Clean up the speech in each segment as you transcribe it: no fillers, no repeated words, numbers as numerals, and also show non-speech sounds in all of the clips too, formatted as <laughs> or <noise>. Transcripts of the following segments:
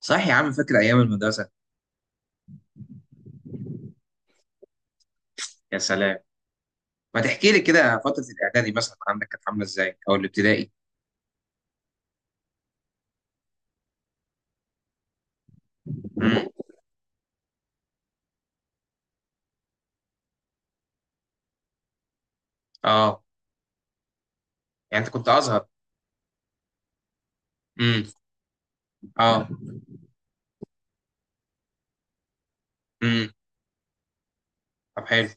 صح يا عم، فاكر ايام المدرسه؟ يا سلام. ما تحكي لي كده فتره الاعدادي مثلا عندك كانت عامله ازاي او الابتدائي؟ امم اه، يعني انت كنت ازهر؟ امم اه امم طب حلو.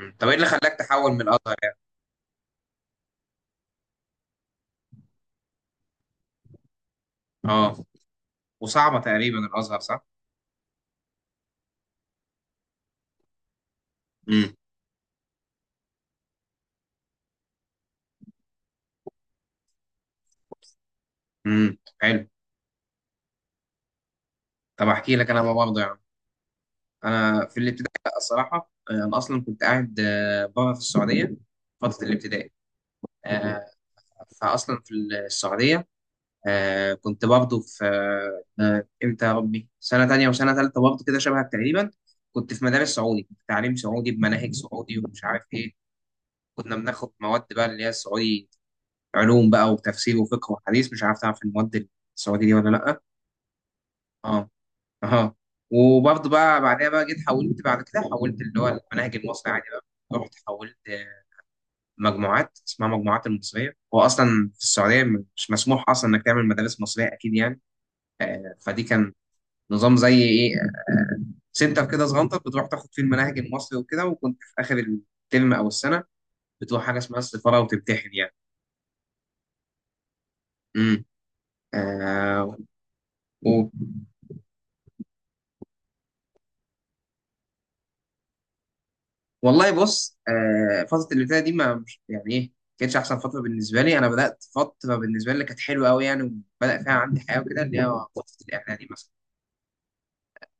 طب ايه اللي خلاك تحول من الازهر يعني؟ اه، وصعبه تقريبا الازهر صح؟ امم حلو. طب احكي لك انا بقى برضه يعني، انا في الابتدائي لأ، الصراحه انا اصلا كنت قاعد بره في السعوديه، فتره الابتدائي. آه، فاصلا في السعوديه، كنت برضه في امتى يا ربي، سنة تانية وسنة تالتة برضه كده شبهك تقريبا. كنت في مدارس سعودي، كنت تعليم سعودي بمناهج سعودي ومش عارف ايه. كنا بناخد مواد بقى اللي هي السعودي، علوم بقى وتفسير وفقه وحديث. مش عارف تعرف المواد السعودي دي ولا لأ. اه اه، وبرضه بقى بعدها بقى جيت حولت، بعد كده حولت اللي هو المناهج المصري عادي بقى، رحت حولت مجموعات اسمها مجموعات المصرية. هو أصلا في السعودية مش مسموح أصلا إنك تعمل مدارس مصرية أكيد يعني. فدي كان نظام زي ايه، سنتر كده صغنطر بتروح تاخد فيه المناهج المصري وكده، وكنت في اخر الترم او السنه بتروح حاجه اسمها السفاره وتمتحن يعني. امم آه و... والله بص، فتره الابتدائي دي ما مش يعني ايه كانتش احسن فتره بالنسبه لي. انا بدات فتره بالنسبه لي اللي كانت حلوه قوي يعني وبدا فيها عندي حياه وكده، اللي هي فتره الاعدادي مثلا.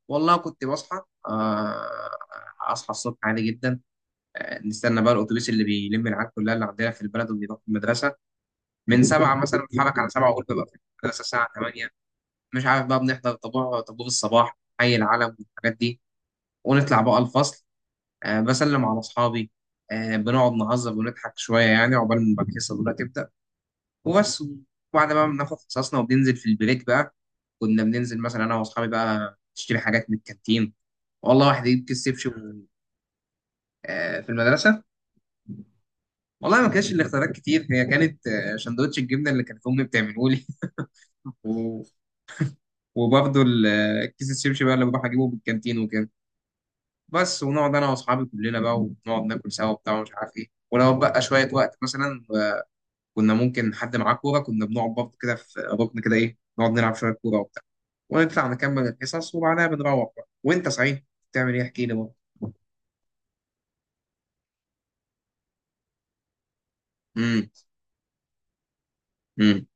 والله كنت بصحى، آه اصحى الصبح عادي جدا. نستنى بقى الاتوبيس اللي بيلم العيال كلها اللي عندنا في البلد وبيروح المدرسه، من سبعة مثلا بتحرك على سبعة وقلت ببقى في المدرسة الساعة تمانية. مش عارف بقى، بنحضر طابور، طابور الصباح، حي العلم والحاجات دي، ونطلع بقى الفصل، أه بسلم على أصحابي، أه بنقعد نهزر ونضحك شوية يعني عقبال ما الحصة الأولى تبدأ، وبس. وبعد ما بناخد حصصنا وبننزل في البريك بقى، كنا بننزل مثلا أنا وأصحابي بقى نشتري حاجات من الكانتين، والله واحد يجيب كيس شبشب. في المدرسة، والله ما كانش الاختيارات كتير. هي كانت سندوتش الجبنة اللي كانت أمي بتعمله لي. <laughs> وبرضه الكيس الشبشب بقى اللي بروح اجيبه من الكانتين وكده. بس ونقعد انا واصحابي كلنا بقى ونقعد ناكل سوا وبتاع ومش عارف ايه، ولو بقى شويه وقت مثلا كنا ممكن حد معاه كوره كنا بنقعد برضه كده في ركن كده ايه نقعد نلعب شويه كوره وبتاع، ونطلع نكمل الحصص وبعدها بنروح بقى. وانت صحيح بتعمل ايه؟ احكي لي بقى. امم امم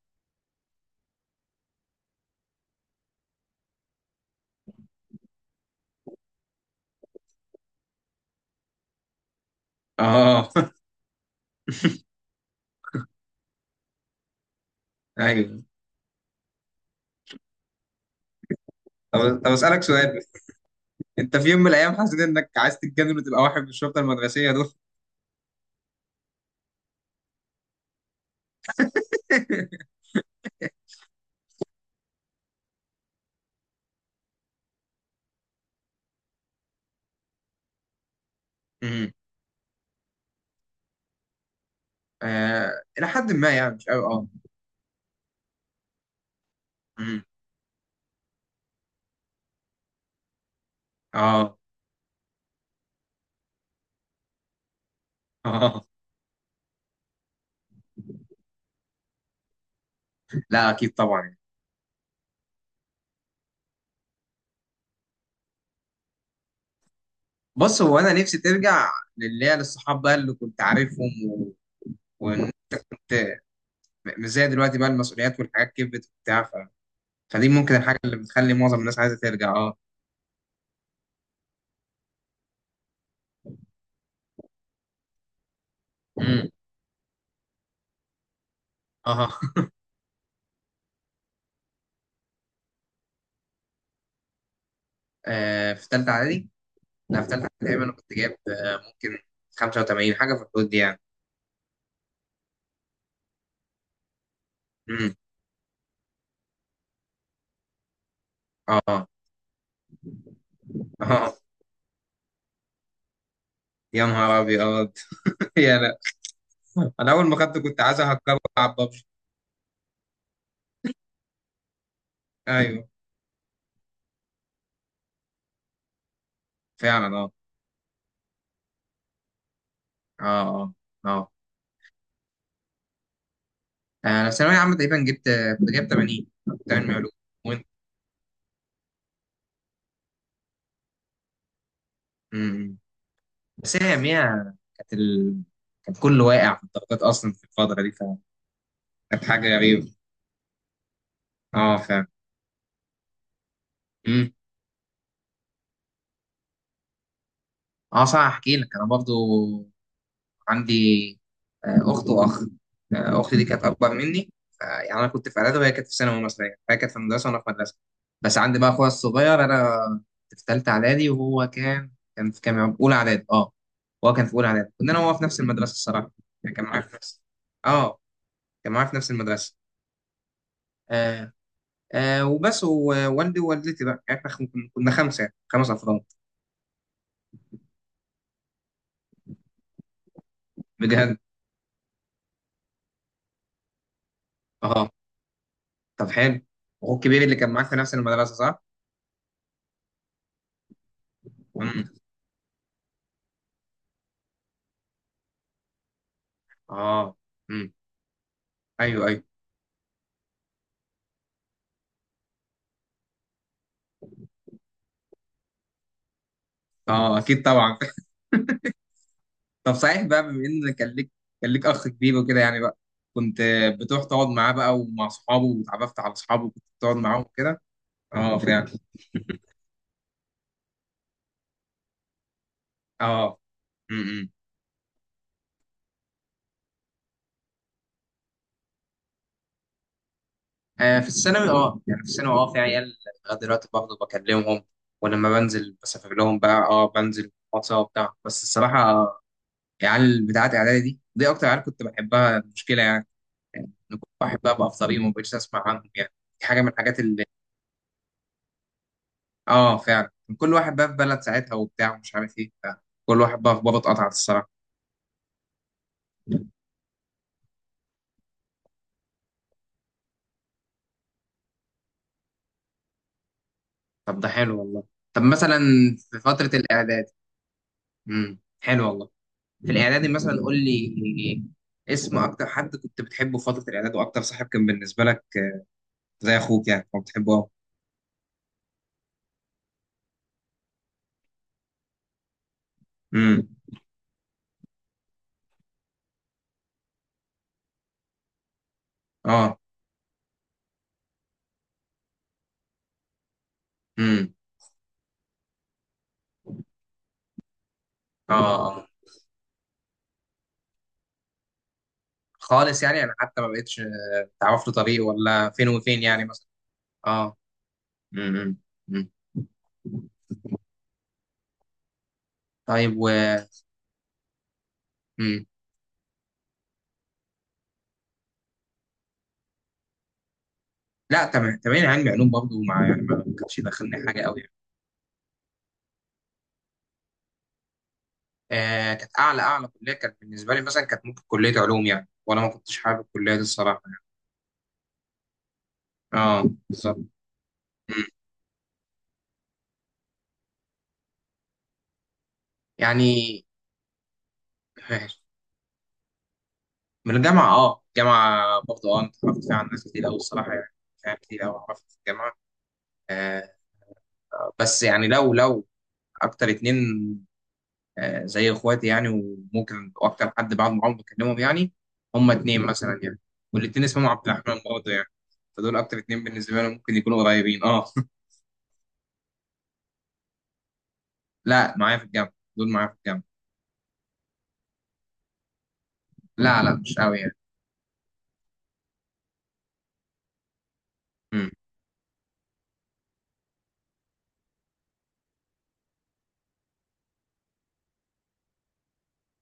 اه <laughs> ايوه. طب، طب اسالك سؤال بس، انت في يوم من الايام حسيت انك عايز تتجنن وتبقى واحد من الشرطه المدرسيه دول؟ امم آه، الى حد ما يعني، مش قوي اه. امم اه <laughs> اه، لا اكيد طبعا. بص، هو انا نفسي ترجع للي هي للصحاب بقى اللي كنت عارفهم وانت مش زي دلوقتي بقى، المسؤوليات والحاجات كبرت وبتاع، فدي ممكن الحاجه اللي بتخلي معظم الناس عايزه ترجع اه. امم اه في ثالثه اعدادي؟ لا، في ثالثه اعدادي تقريبا انا كنت جايب ممكن 85 حاجه، في الحدود دي يعني. امم اه اه، يا نهار ابيض <laughs> يا لا، انا اول ما خدته كنت عايز اهكره العب ببجي. ايوه فعلا اه. اه اه، انا في ثانويه عامه تقريبا جبت، كنت جايب 80، 80 علوم. وانت؟ أمم. بس هي كانت كان كله واقع في الضغطات اصلا في الفتره دي، فكانت حاجه غريبه. اه فاهم. أمم. اه صح، احكي لك انا برضو عندي اخت واخ. اختي دي كانت اكبر مني، يعني انا كنت في اعدادي وهي كانت في ثانوي مثلا يعني. فهي كانت في مدرسه وانا في مدرسه. بس عندي بقى اخويا الصغير، انا كنت في ثالثه اعدادي وهو كان في كام يا رب؟ اولى اعدادي اه. وهو كان في اولى اعدادي، كنا انا وهو في نفس المدرسه الصراحه يعني، كان معايا في نفس، اه كان معايا في نفس المدرسه. آه. وبس، ووالدي ووالدتي بقى، يعني احنا كنا خمسه يعني، خمس افراد. بجد اه؟ طب حلو. اخوك الكبير اللي كان معاك في نفس المدرسه صح؟ امم اه امم ايوه ايوه، اه اكيد طبعا <laughs> طب صحيح بقى، بما ان كان ليك، كان ليك اخ كبير وكده يعني بقى، كنت بتروح تقعد معاه بقى ومع اصحابه، واتعرفت على اصحابه وكنت بتقعد معاهم كده؟ اه فعلا. اه امم آه، في الثانوي اه، يعني في الثانوي اه في عيال لغايه دلوقتي باخده بكلمهم، ولما بنزل بسافر لهم بقى، اه بنزل واتساب وبتاع. بس الصراحه العيال بتاعت اعدادي دي، اكتر عيال كنت بحبها، المشكله يعني، يعني كنت بحبها بقى في طريقي وما بقتش اسمع عنهم يعني. دي حاجه من الحاجات اللي، اه فعلا، كان كل واحد بقى في بلد ساعتها وبتاع ومش عارف ايه بتاع. كل واحد بقى في بابا، اتقطعت الصراحه. طب ده حلو والله. طب مثلا في فتره الاعداد، امم حلو والله. في الاعدادي مثلا قول لي اسم اكتر حد كنت بتحبه في فتره الاعداد واكتر صاحب كان بالنسبه لك زي اخوك يعني كنت بتحبه اه. امم اه امم اه آه. خالص يعني، انا حتى ما بقتش تعرف له طريق، ولا فين وفين يعني مثلا. اه امم أمم. طيب. و امم لا تمام تمام، علمي علوم برضه، مع يعني ما ما كانش دخلني حاجه قوي يعني. آه كانت اعلى، اعلى كليه كانت بالنسبه لي مثلا كانت ممكن كليه علوم يعني، وانا ما كنتش حابب الكليه دي الصراحه. اه بالظبط. أمم. يعني من الجامعة اه، الجامعة برضه اه، أنا اتعرفت فيها على ناس كتير أوي الصراحة يعني، فيها كتير أوي اتعرفت في الجامعة. آه بس يعني، لو لو أكتر اتنين، آه زي إخواتي يعني، وممكن وأكتر حد بعد ما عمري بكلمهم يعني، هما اتنين مثلا يعني، والاتنين اسمهم عبد الرحمن برضه يعني. فدول أكتر اتنين بالنسبة لي ممكن يكونوا قريبين اه <laughs> لا معايا في الجامعة، دول معايا في الجامعة. لا لا مش أوي يعني. امم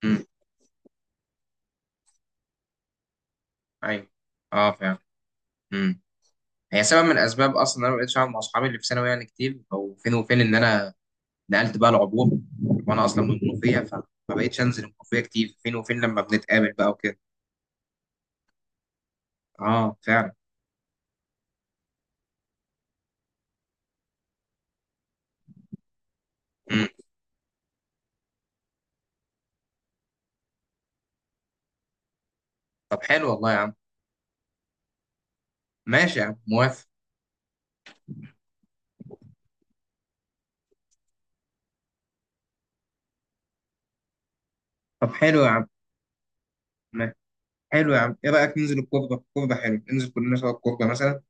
امم أيوه، اه فعلا. امم هي سبب من الأسباب أصلا إن أنا ما بقتش أقعد مع أصحابي اللي في ثانوي يعني كتير، أو فين وفين، إن أنا نقلت بقى العبور وانا اصلا من المنوفيه، فما بقتش انزل المنوفيه كتير، فين وفين لما بنتقابل بقى وكده. اه فعلا. مم. طب حلو والله يا عم. ماشي يا عم، موافق. طب حلو يا عم، ماشي. حلو يا عم، ايه رايك ننزل الكوربه؟ الكوربه حلو، ننزل كلنا سوا الكوربه مثلا.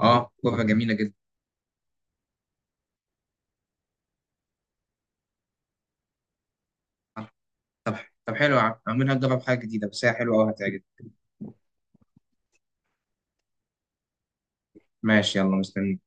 اه كوربه جميله جدا. طب، طب حلو يا عم، عاملها نجرب حاجه جديده بس هي حلوه قوي هتعجبك. ماشي، يلا مستني.